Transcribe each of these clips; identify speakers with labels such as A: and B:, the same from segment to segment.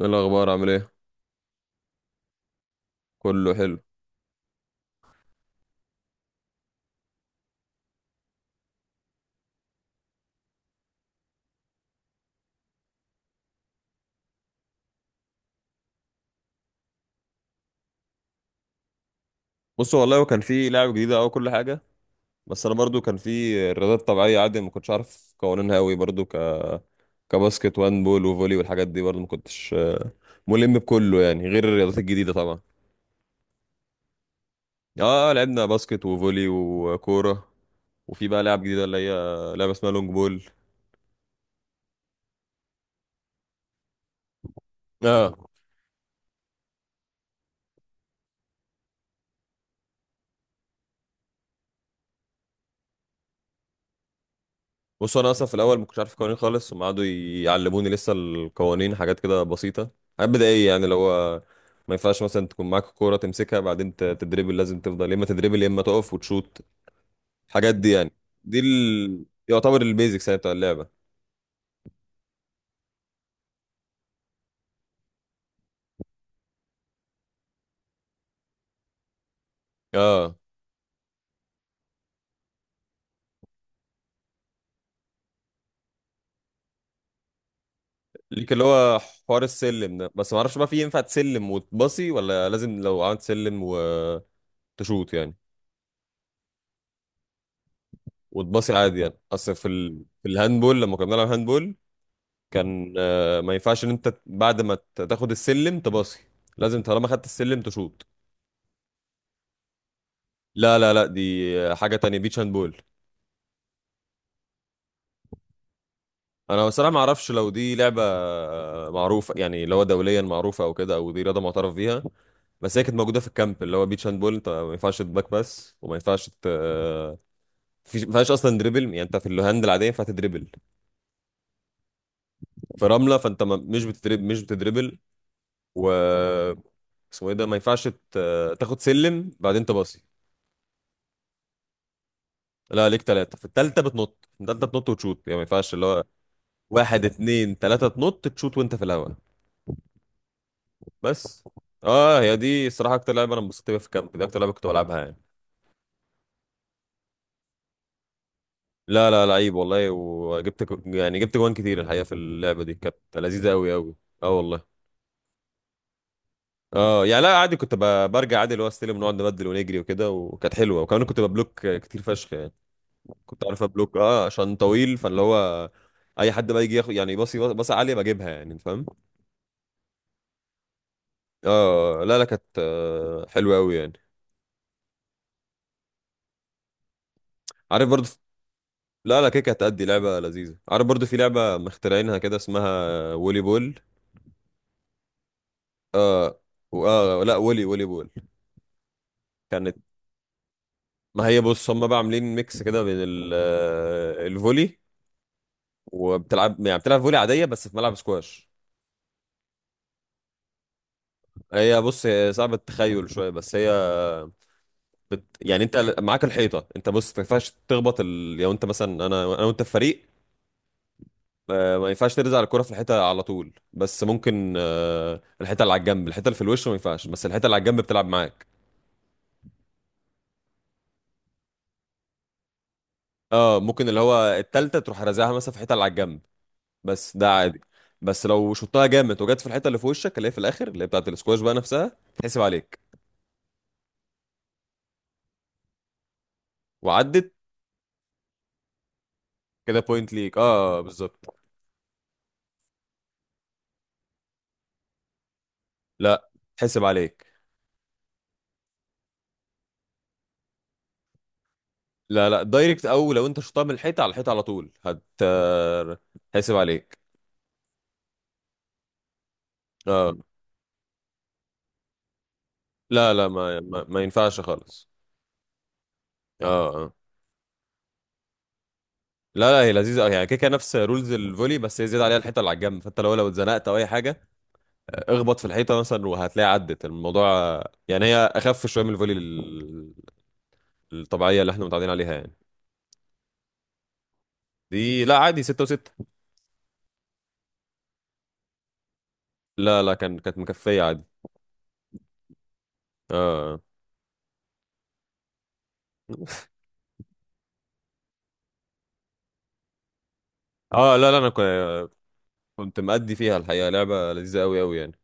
A: ايه الاخبار؟ عامل ايه؟ كله حلو. بص والله، وكان في لعبه جديده او كل حاجه، بس انا برضو كان في الرياضات الطبيعيه عادي، ما كنتش عارف قوانينها قوي برضو، كباسكت وان بول وفولي والحاجات دي. برضو ما كنتش ملم بكله يعني، غير الرياضات الجديده طبعا. اه، لعبنا باسكت وفولي وكوره. وفي بقى لعب جديده، اللي هي لعبه اسمها لونج بول. اه، بص، انا اصلا في الاول ما كنتش عارف قوانين خالص، هم قعدوا يعلموني لسه القوانين، حاجات كده بسيطه، حاجات بدائيه، يعني اللي هو ما ينفعش مثلا تكون معاك الكوره تمسكها بعدين تدريبل، لازم تفضل يا اما تدريبل يا اما تقف وتشوت، الحاجات دي يعني. يعتبر البيزكس يعني بتاع اللعبه. اه، ليك اللي هو حوار السلم ده، بس ما اعرفش بقى في ينفع تسلم وتباصي ولا لازم لو عملت سلم وتشوت؟ يعني وتباصي عادي يعني. اصل في الهاندبول لما كنا بنلعب هاندبول، كان ما ينفعش ان انت بعد ما تاخد السلم تباصي، لازم طالما خدت السلم تشوط. لا لا لا، دي حاجة تانية، بيتش هاند بول. انا بصراحة ما اعرفش لو دي لعبة معروفة يعني، اللي هو دوليا معروفة او كده، او دي رياضة معترف بيها. بس هي كانت موجودة في الكامب، اللي هو بيتش هاند بول. انت ما ينفعش تباك بس، وما ينفعش ما ينفعش اصلا دريبل، يعني انت في الهاند العادية ينفع تدريبل، في رملة، فانت ما... مش بتدريبل، و اسمه ايه ده، ما ينفعش تاخد سلم بعدين تباصي. لا، ليك ثلاثة، في الثالثة بتنط، في الثالثة بتنط وتشوت يعني، ما ينفعش اللي هو واحد اتنين تلاتة تنط تشوت وانت في الهواء بس. اه، هي دي الصراحة أكتر لعبة أنا انبسطت بيها في الكامب، دي أكتر لعبة كنت بلعبها يعني. لا لا، لعيب والله، وجبت يعني جبت جوان كتير الحقيقة، في اللعبة دي كانت لذيذة أوي أوي. اه والله. اه، يعني لا، عادي، كنت برجع عادي، اللي هو استلم، نقعد نبدل ونجري وكده، وكانت حلوة، وكمان كنت ببلوك كتير فشخ يعني. كنت عارف ابلوك، اه، عشان طويل، فاللي هو اي حد بقى يجي ياخد يعني باصي باصي عالية بجيبها، يعني انت فاهم. اه لا لا، كانت حلوه قوي يعني. عارف برضو، لا لا، كده كانت هتأدي لعبه لذيذه. عارف برضو في لعبه مخترعينها كده، اسمها وولي بول. اه اه، لا، وولي وولي بول، كانت، ما هي بص، هم بقى عاملين ميكس كده بين الفولي، وبتلعب يعني بتلعب فولي عاديه بس في ملعب سكواش. هي بص، هي صعبة التخيل شويه، بس هي يعني انت معاك الحيطه. انت بص، ما ينفعش تخبط لو انت مثلا، انا وانت في فريق، ما ينفعش ترزع الكرة في الحيطة على طول، بس ممكن الحيطة اللي على الجنب، الحيطة اللي في الوش ما ينفعش، بس الحيطة اللي على الجنب بتلعب معاك. اه، ممكن اللي هو التالتة تروح رازعها مثلا في الحيطة اللي على الجنب، بس ده عادي. بس لو شطها جامد وجت في الحيطة اللي في وشك، اللي هي في الآخر، اللي هي بتاعة الاسكواش بقى نفسها، تحسب عليك. وعدت. كده بوينت ليك، اه بالظبط. لا، تحسب عليك. لا لا، دايركت، او لو انت شطها من الحيطة على الحيطة على طول هت آه، هتحسب عليك. اه لا لا، ما ينفعش خالص. اه. آه. لا لا، هي لذيذه أوي. يعني كده كده نفس رولز الفولي، بس هي زياده عليها الحيطه اللي على الجنب، فانت لو اتزنقت او اي حاجه اخبط في الحيطه مثلا وهتلاقي عدت الموضوع. يعني هي اخف شويه من الفولي الطبيعيه اللي احنا متعودين عليها يعني. دي لا عادي، ستة وستة. لا لا، كانت مكفيه عادي. اه اه، لا لا، انا كنت مأدي فيها الحقيقه، لعبه لذيذه قوي قوي يعني.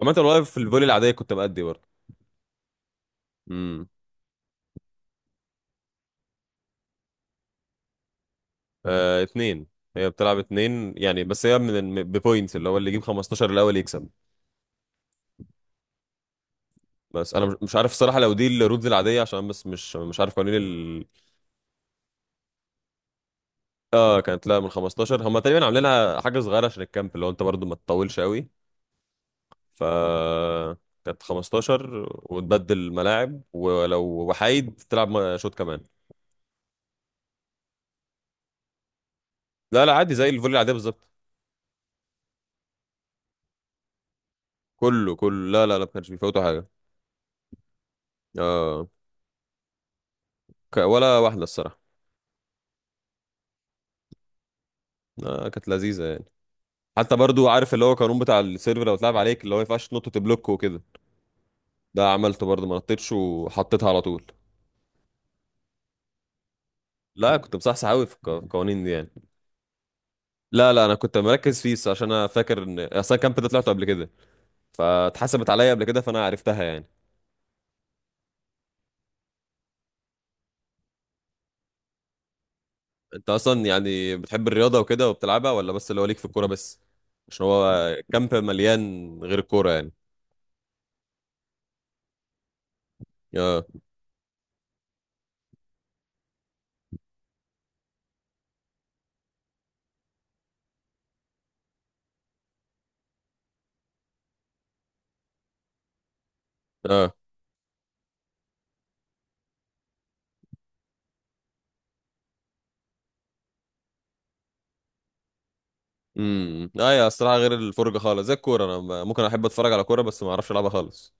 A: عامه والله، في الفولي العاديه كنت مأدي برضه. امم آه، اتنين. هي بتلعب اتنين يعني، بس هي من بوينتس، اللي هو اللي يجيب 15 الاول يكسب. بس انا مش عارف الصراحه لو دي الرودز العاديه، عشان بس مش عارف قوانين اه كانت، لا، من 15. هم تقريبا عاملينها حاجه صغيره عشان الكامب، اللي هو انت برضو ما تطولش قوي، ف كانت 15، وتبدل ملاعب، ولو وحيد تلعب شوط كمان. لا لا، عادي زي الفولي العاديه بالظبط. كله كله لا لا لا، ما كانش بيفوتوا حاجه. اه، ولا واحده الصراحه. آه، كانت لذيذه يعني. حتى برضو عارف اللي هو القانون بتاع السيرفر، لو اتلعب عليك، اللي هو ما ينفعش تنط تبلوك وكده، ده عملته برضو، ما نطيتش وحطيتها على طول. لا، كنت بصحصح قوي في في القوانين دي يعني. لا لا، انا كنت مركز فيه الصراحة، عشان انا فاكر ان اصلا الكامب ده طلعته قبل كده، فاتحسبت عليا قبل كده فانا عرفتها يعني. انت اصلا يعني بتحب الرياضه وكده وبتلعبها، ولا بس اللي هو ليك في الكوره بس؟ عشان هو الكامب مليان غير الكوره يعني. اه. اه. ايوه الصراحه، غير الفرجه خالص زي الكوره، انا ممكن احب اتفرج على كوره بس ما اعرفش العبها خالص.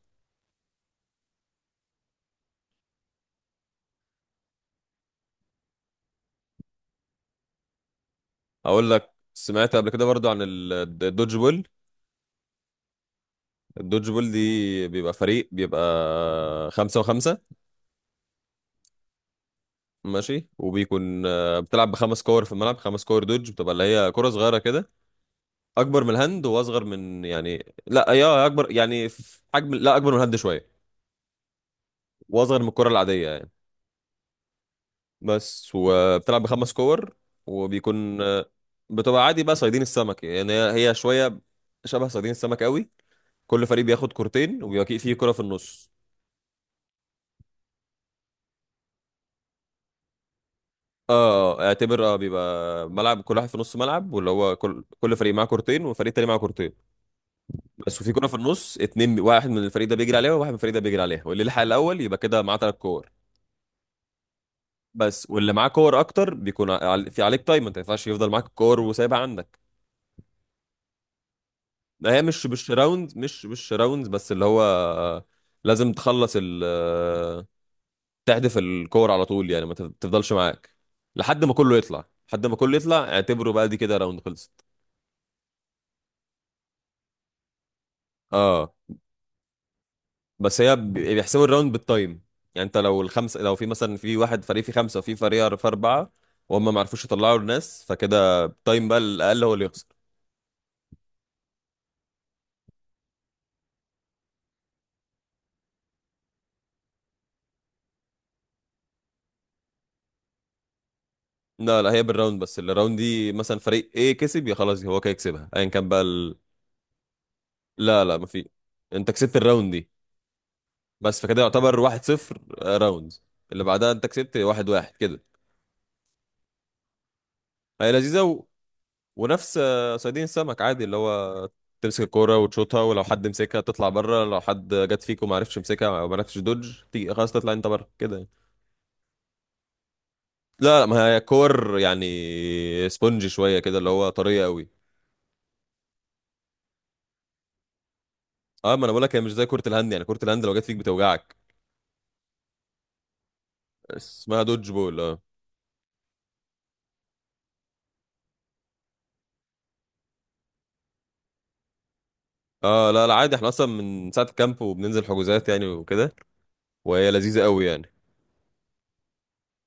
A: اقول لك سمعت قبل كده برضو عن الدوج بول. الدوج بول دي بيبقى فريق، بيبقى خمسة وخمسة. ماشي، وبيكون بتلعب بخمس كور في الملعب. 5 كور دوج، بتبقى اللي هي كرة صغيرة كده، أكبر من الهاند وأصغر من يعني، لا يا أكبر يعني في حجم، لا أكبر من الهاند شوية وأصغر من الكرة العادية يعني، بس. وبتلعب بخمس كور، وبيكون بتبقى عادي بقى صيادين السمك يعني، هي هي شوية شبه صيادين السمك قوي. كل فريق بياخد كورتين، وبيبقى فيه كرة في النص. اه، اعتبر، اه، بيبقى ملعب كل واحد في نص ملعب، واللي هو كل فريق معاه كورتين وفريق تاني معاه كورتين بس، وفي كوره في النص اتنين. واحد من الفريق ده بيجري عليها، وواحد من الفريق ده بيجري عليها، واللي لحق الاول يبقى كده معاه 3 كور بس. واللي معاه كور اكتر بيكون في عليك تايم، انت ما ينفعش يفضل معاك الكور وسايبها عندك. ما هي مش راوند، مش راوند، بس اللي هو لازم تخلص ال آه، تحدف الكور على طول يعني، ما تف- تفضلش معاك لحد ما كله يطلع، لحد ما كله يطلع، اعتبره بقى دي كده راوند خلصت. اه بس، هي بيحسبوا الراوند بالتايم يعني. انت لو الخمسه، لو في مثلا في واحد فريق فيه خمسه وفي فريق في 4، وهم ما عرفوش يطلعوا الناس، فكده التايم بقى الاقل هو اللي يخسر. لا لا، هي بالراوند، بس الراوند دي مثلا فريق ايه كسب، يا خلاص هو كده يكسبها، ايا كان بقى لا لا، ما في. انت كسبت الراوند دي بس، فكده يعتبر 1-0 راوند. اللي بعدها انت كسبت 1-1 كده. هي لذيذه، ونفس صيادين السمك عادي، اللي هو تمسك الكوره وتشوطها، ولو حد مسكها تطلع بره، لو حد جت فيك وما عرفش يمسكها او ما عرفش دوج تيجي، خلاص تطلع انت بره كده يعني. لا لا، ما هي كور يعني سبونج شويه كده، اللي هو طريه قوي. اه، ما انا بقول لك، هي مش زي كره الهند يعني، كره الهند لو جت فيك بتوجعك. اسمها دوج بول، اه. اه لا لا، عادي احنا اصلا من ساعه الكامب وبننزل حجوزات يعني وكده، وهي لذيذه قوي يعني.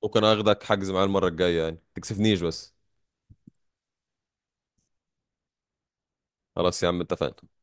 A: ممكن اخدك حجز معايا المره الجايه يعني، تكسفنيش بس. خلاص يا عم، اتفقنا.